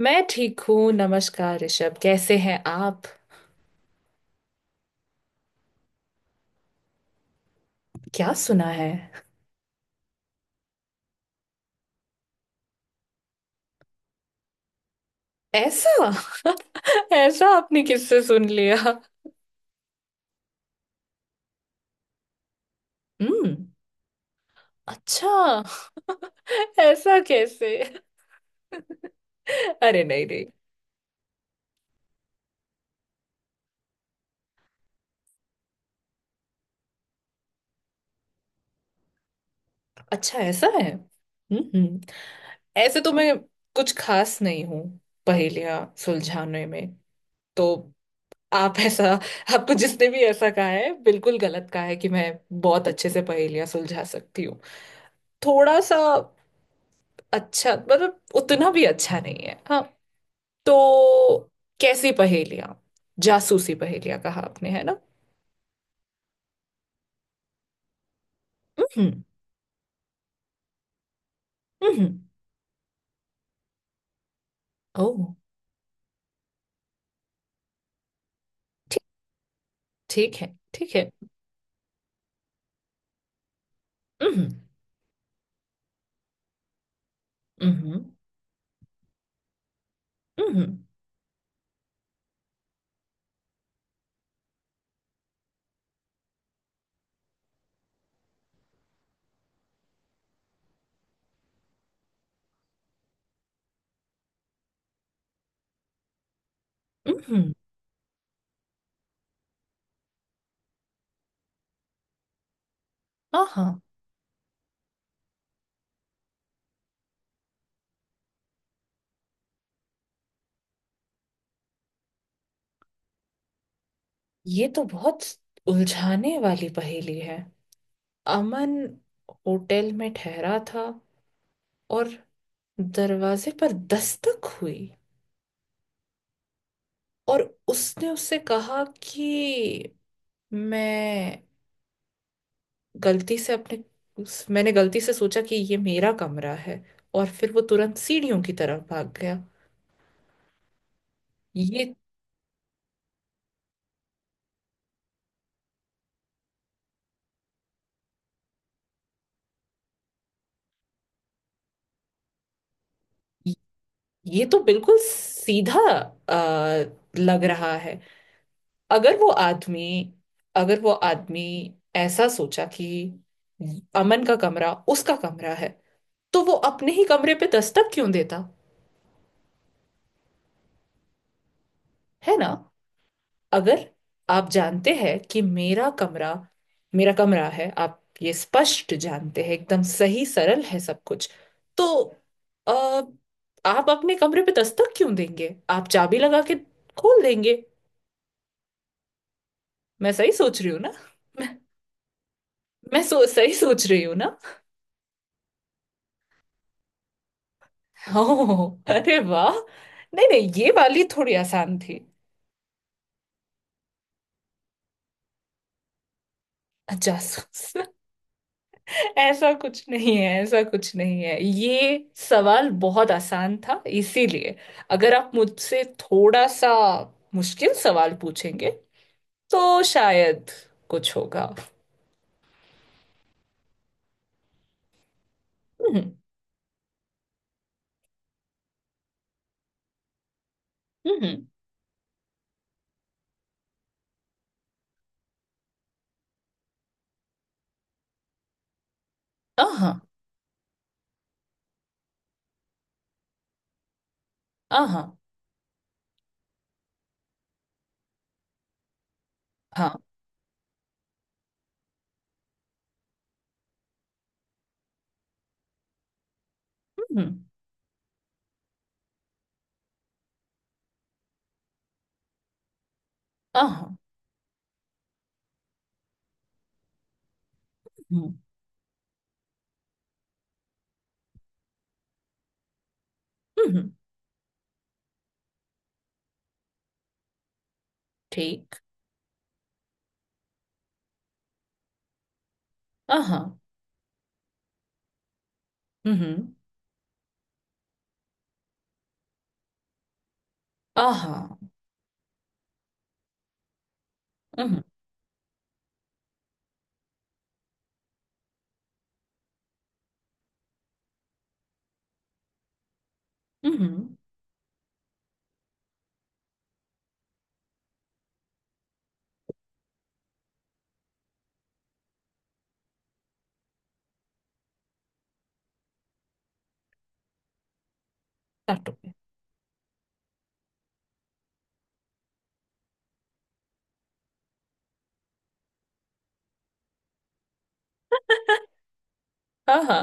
मैं ठीक हूँ। नमस्कार ऋषभ, कैसे हैं आप? क्या सुना है? ऐसा? ऐसा आपने किससे सुन लिया? हम्म। अच्छा। ऐसा कैसे? अरे नहीं नहीं। अच्छा ऐसा है। ऐसे तो मैं कुछ खास नहीं हूँ पहेलियाँ सुलझाने में। तो आप ऐसा आपको जिसने भी ऐसा कहा है बिल्कुल गलत कहा है कि मैं बहुत अच्छे से पहेलियाँ सुलझा सकती हूँ। थोड़ा सा। अच्छा मतलब उतना भी अच्छा नहीं है, हाँ। तो कैसी पहेलियां? जासूसी पहेलियां कहा आपने, है ना? हम्म। हम्म। ओह। ठीक। ठीक है। ठीक है। हम्म। हम्म। हम्म। हम्म। हाँ। ये तो बहुत उलझाने वाली पहेली है। अमन होटल में ठहरा था और दरवाजे पर दस्तक हुई। और उसने उससे कहा कि मैं गलती से मैंने गलती से सोचा कि ये मेरा कमरा है। और फिर वो तुरंत सीढ़ियों की तरफ भाग गया। ये... ये तो बिल्कुल सीधा आ, लग रहा है। अगर वो आदमी अगर वो आदमी ऐसा सोचा कि अमन का कमरा उसका कमरा है, तो वो अपने ही कमरे पे दस्तक क्यों देता? है ना? अगर आप जानते हैं कि मेरा कमरा है, आप ये स्पष्ट जानते हैं, एकदम सही, सरल है सब कुछ। तो अ, आप अपने कमरे पे दस्तक क्यों देंगे? आप चाबी लगा के खोल देंगे। मैं सही सोच रही हूँ ना? मैं, मैं सही सोच रही हूँ ना? ओह, अरे वाह! नहीं नहीं, ये वाली थोड़ी आसान थी। अच्छा। ऐसा कुछ नहीं है, ऐसा कुछ नहीं है, ये सवाल बहुत आसान था इसीलिए। अगर आप मुझसे थोड़ा सा मुश्किल सवाल पूछेंगे तो शायद कुछ होगा। हम्म। हम्म। आहा। आहा। हाँ। हम्म। आहा। हम्म। हम्म। ठीक। आहा। हम्म। आहा। हम्म। हम्म। काटो। आहा।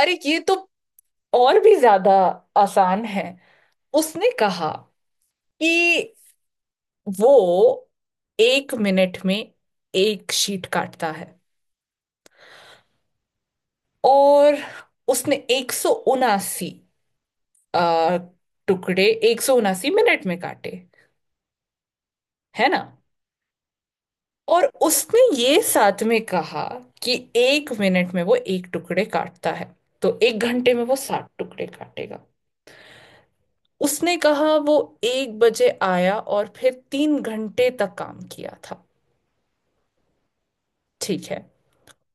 अरे, ये तो और भी ज्यादा आसान है। उसने कहा कि वो एक मिनट में एक शीट काटता है। और उसने 179 टुकड़े 179 मिनट में काटे, है ना? और उसने ये साथ में कहा कि एक मिनट में वो एक टुकड़े काटता है, तो एक घंटे में वो 60 टुकड़े काटेगा। उसने कहा वो 1 बजे आया और फिर 3 घंटे तक काम किया था। ठीक है।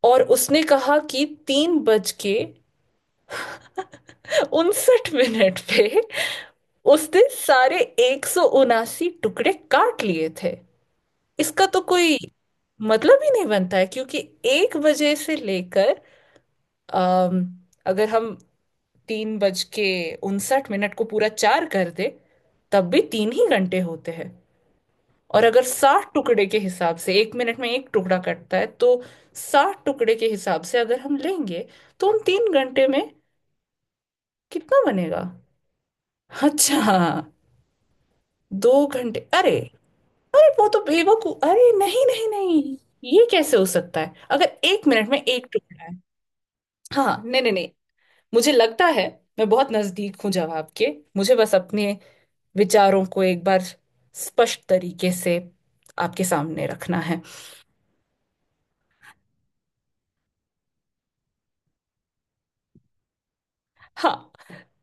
और उसने कहा कि तीन बज के 59 मिनट पे उसने सारे 179 टुकड़े काट लिए थे। इसका तो कोई मतलब ही नहीं बनता है क्योंकि एक बजे से लेकर अम, अगर हम तीन बज के उनसठ मिनट को पूरा चार कर दे, तब भी तीन ही घंटे होते हैं। और अगर साठ टुकड़े के हिसाब से एक मिनट में एक टुकड़ा कटता है, तो साठ टुकड़े के हिसाब से अगर हम लेंगे, तो उन तीन घंटे में कितना बनेगा? अच्छा, 2 घंटे। अरे, अरे वो तो बेवकूफ, अरे नहीं नहीं नहीं, ये कैसे हो सकता है अगर एक मिनट में एक टुकड़ा है? हाँ नहीं नहीं नहीं, मुझे लगता है मैं बहुत नजदीक हूँ जवाब के। मुझे बस अपने विचारों को एक बार स्पष्ट तरीके से आपके सामने रखना है। हाँ।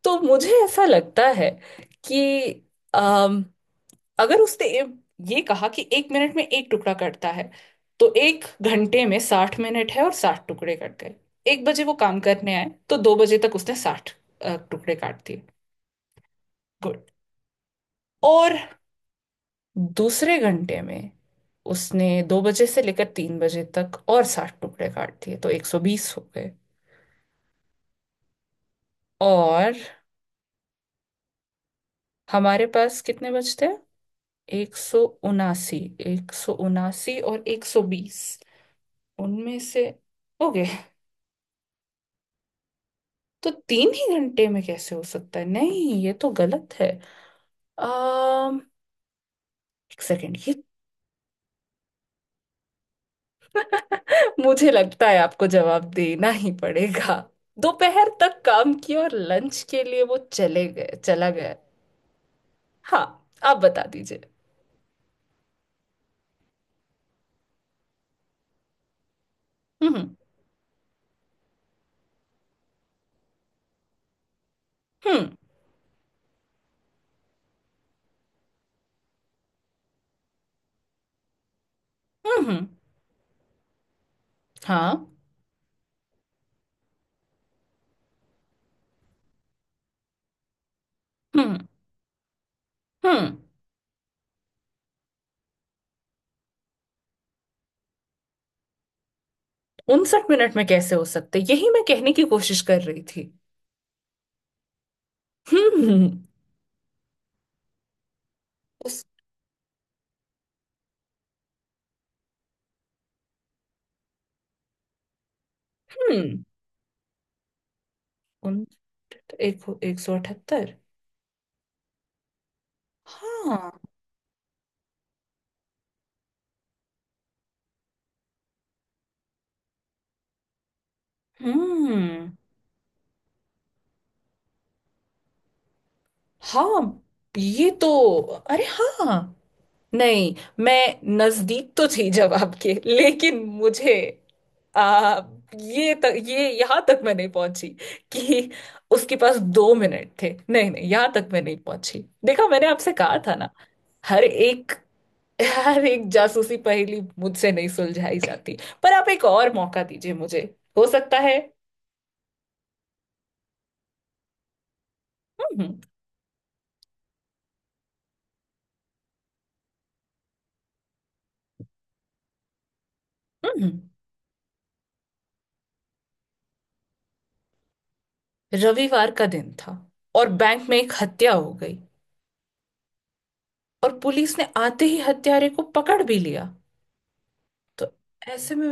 तो मुझे ऐसा लगता है कि अगर उसने ये कहा कि एक मिनट में एक टुकड़ा कटता है, तो एक घंटे में 60 मिनट है और 60 टुकड़े कट गए। 1 बजे वो काम करने आए तो 2 बजे तक उसने 60 टुकड़े काट दिए। गुड। और दूसरे घंटे में उसने 2 बजे से लेकर 3 बजे तक और साठ टुकड़े काट दिए, तो 120 हो गए। और हमारे पास कितने बचते हैं? 179। एक सौ उनासी और 120 उनमें से हो गए, तो तीन ही घंटे में कैसे हो सकता है? नहीं, ये तो गलत है। अम एक सेकेंड। ये तो मुझे लगता है आपको जवाब देना ही पड़ेगा। दोपहर तक काम किया और लंच के लिए वो चले गए चला गया। हाँ, आप बता दीजिए। हम्म। हम्म। हम्म। हम्म। हाँ। हम्म। हम्म। उनसठ मिनट में कैसे हो सकते, यही मैं कहने की कोशिश कर रही थी। हम्म। उस... हम्म। उन... एक एक सौ अठहत्तर। हाँ। हम्म। हाँ, ये तो... अरे हाँ। नहीं, मैं नजदीक तो थी जवाब के लेकिन मुझे आ, ये तक ये यहाँ तक मैं नहीं पहुंची। कि उसके पास 2 मिनट थे। नहीं नहीं, यहाँ तक मैं नहीं पहुंची। देखा, मैंने आपसे कहा था ना? हर एक हर एक जासूसी पहेली मुझसे नहीं सुलझाई जाती। पर आप एक और मौका दीजिए मुझे। हो सकता है। हम्म। हम्म। हम्म। रविवार का दिन था और बैंक में एक हत्या हो गई, और पुलिस ने आते ही हत्यारे को पकड़ भी लिया। तो ऐसे में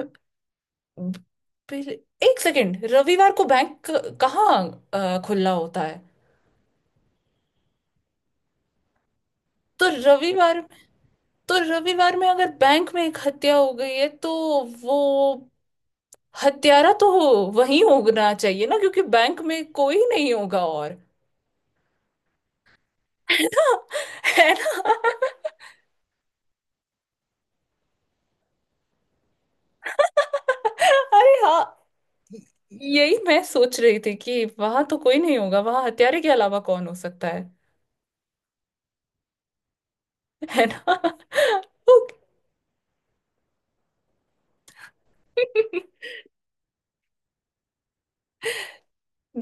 पहले- एक सेकेंड, रविवार को बैंक कहाँ खुला होता है? तो रविवार तो रविवार में अगर बैंक में एक हत्या हो गई है, तो वो हत्यारा तो वहीं होना चाहिए ना, क्योंकि बैंक में कोई नहीं होगा। और है ना? अरे हाँ, यही मैं सोच रही थी कि वहां तो कोई नहीं होगा, वहां हत्यारे के अलावा कौन हो सकता है? है ना?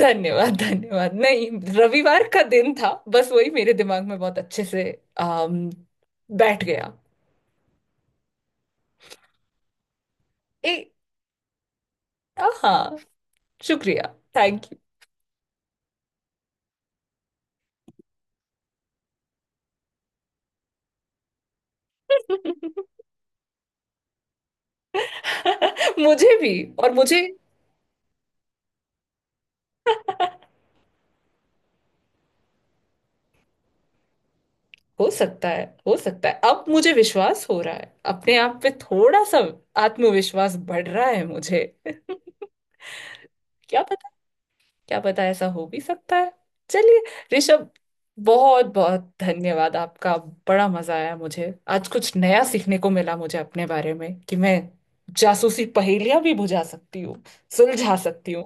धन्यवाद धन्यवाद! नहीं, रविवार का दिन था, बस वही मेरे दिमाग में बहुत अच्छे से आम, बैठ गया। ए हाँ। शुक्रिया। Thank you. मुझे भी। और मुझे हो सकता है, हो सकता है अब मुझे विश्वास हो रहा है अपने आप पे। थोड़ा सा आत्मविश्वास बढ़ रहा है मुझे। क्या पता, क्या पता ऐसा हो भी सकता है। चलिए ऋषभ, बहुत बहुत धन्यवाद आपका। बड़ा मजा आया मुझे। आज कुछ नया सीखने को मिला मुझे अपने बारे में, कि मैं जासूसी पहेलियां भी बुझा सकती हूँ सुलझा सकती हूँ।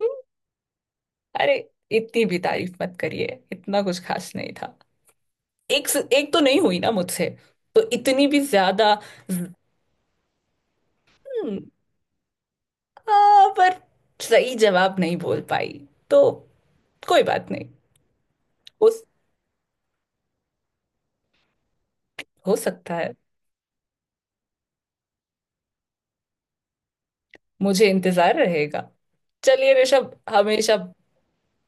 हम्म। अरे, इतनी भी तारीफ मत करिए, इतना कुछ खास नहीं था। एक तो नहीं हुई ना मुझसे, तो इतनी भी ज्यादा... हम्म। पर सही जवाब नहीं बोल पाई, तो कोई बात नहीं। हो हो सकता है। मुझे इंतजार रहेगा। चलिए ऋषभ, हमेशा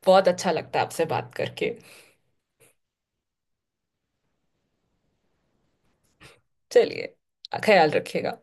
बहुत अच्छा लगता है आपसे बात करके। चलिए, ख्याल रखिएगा।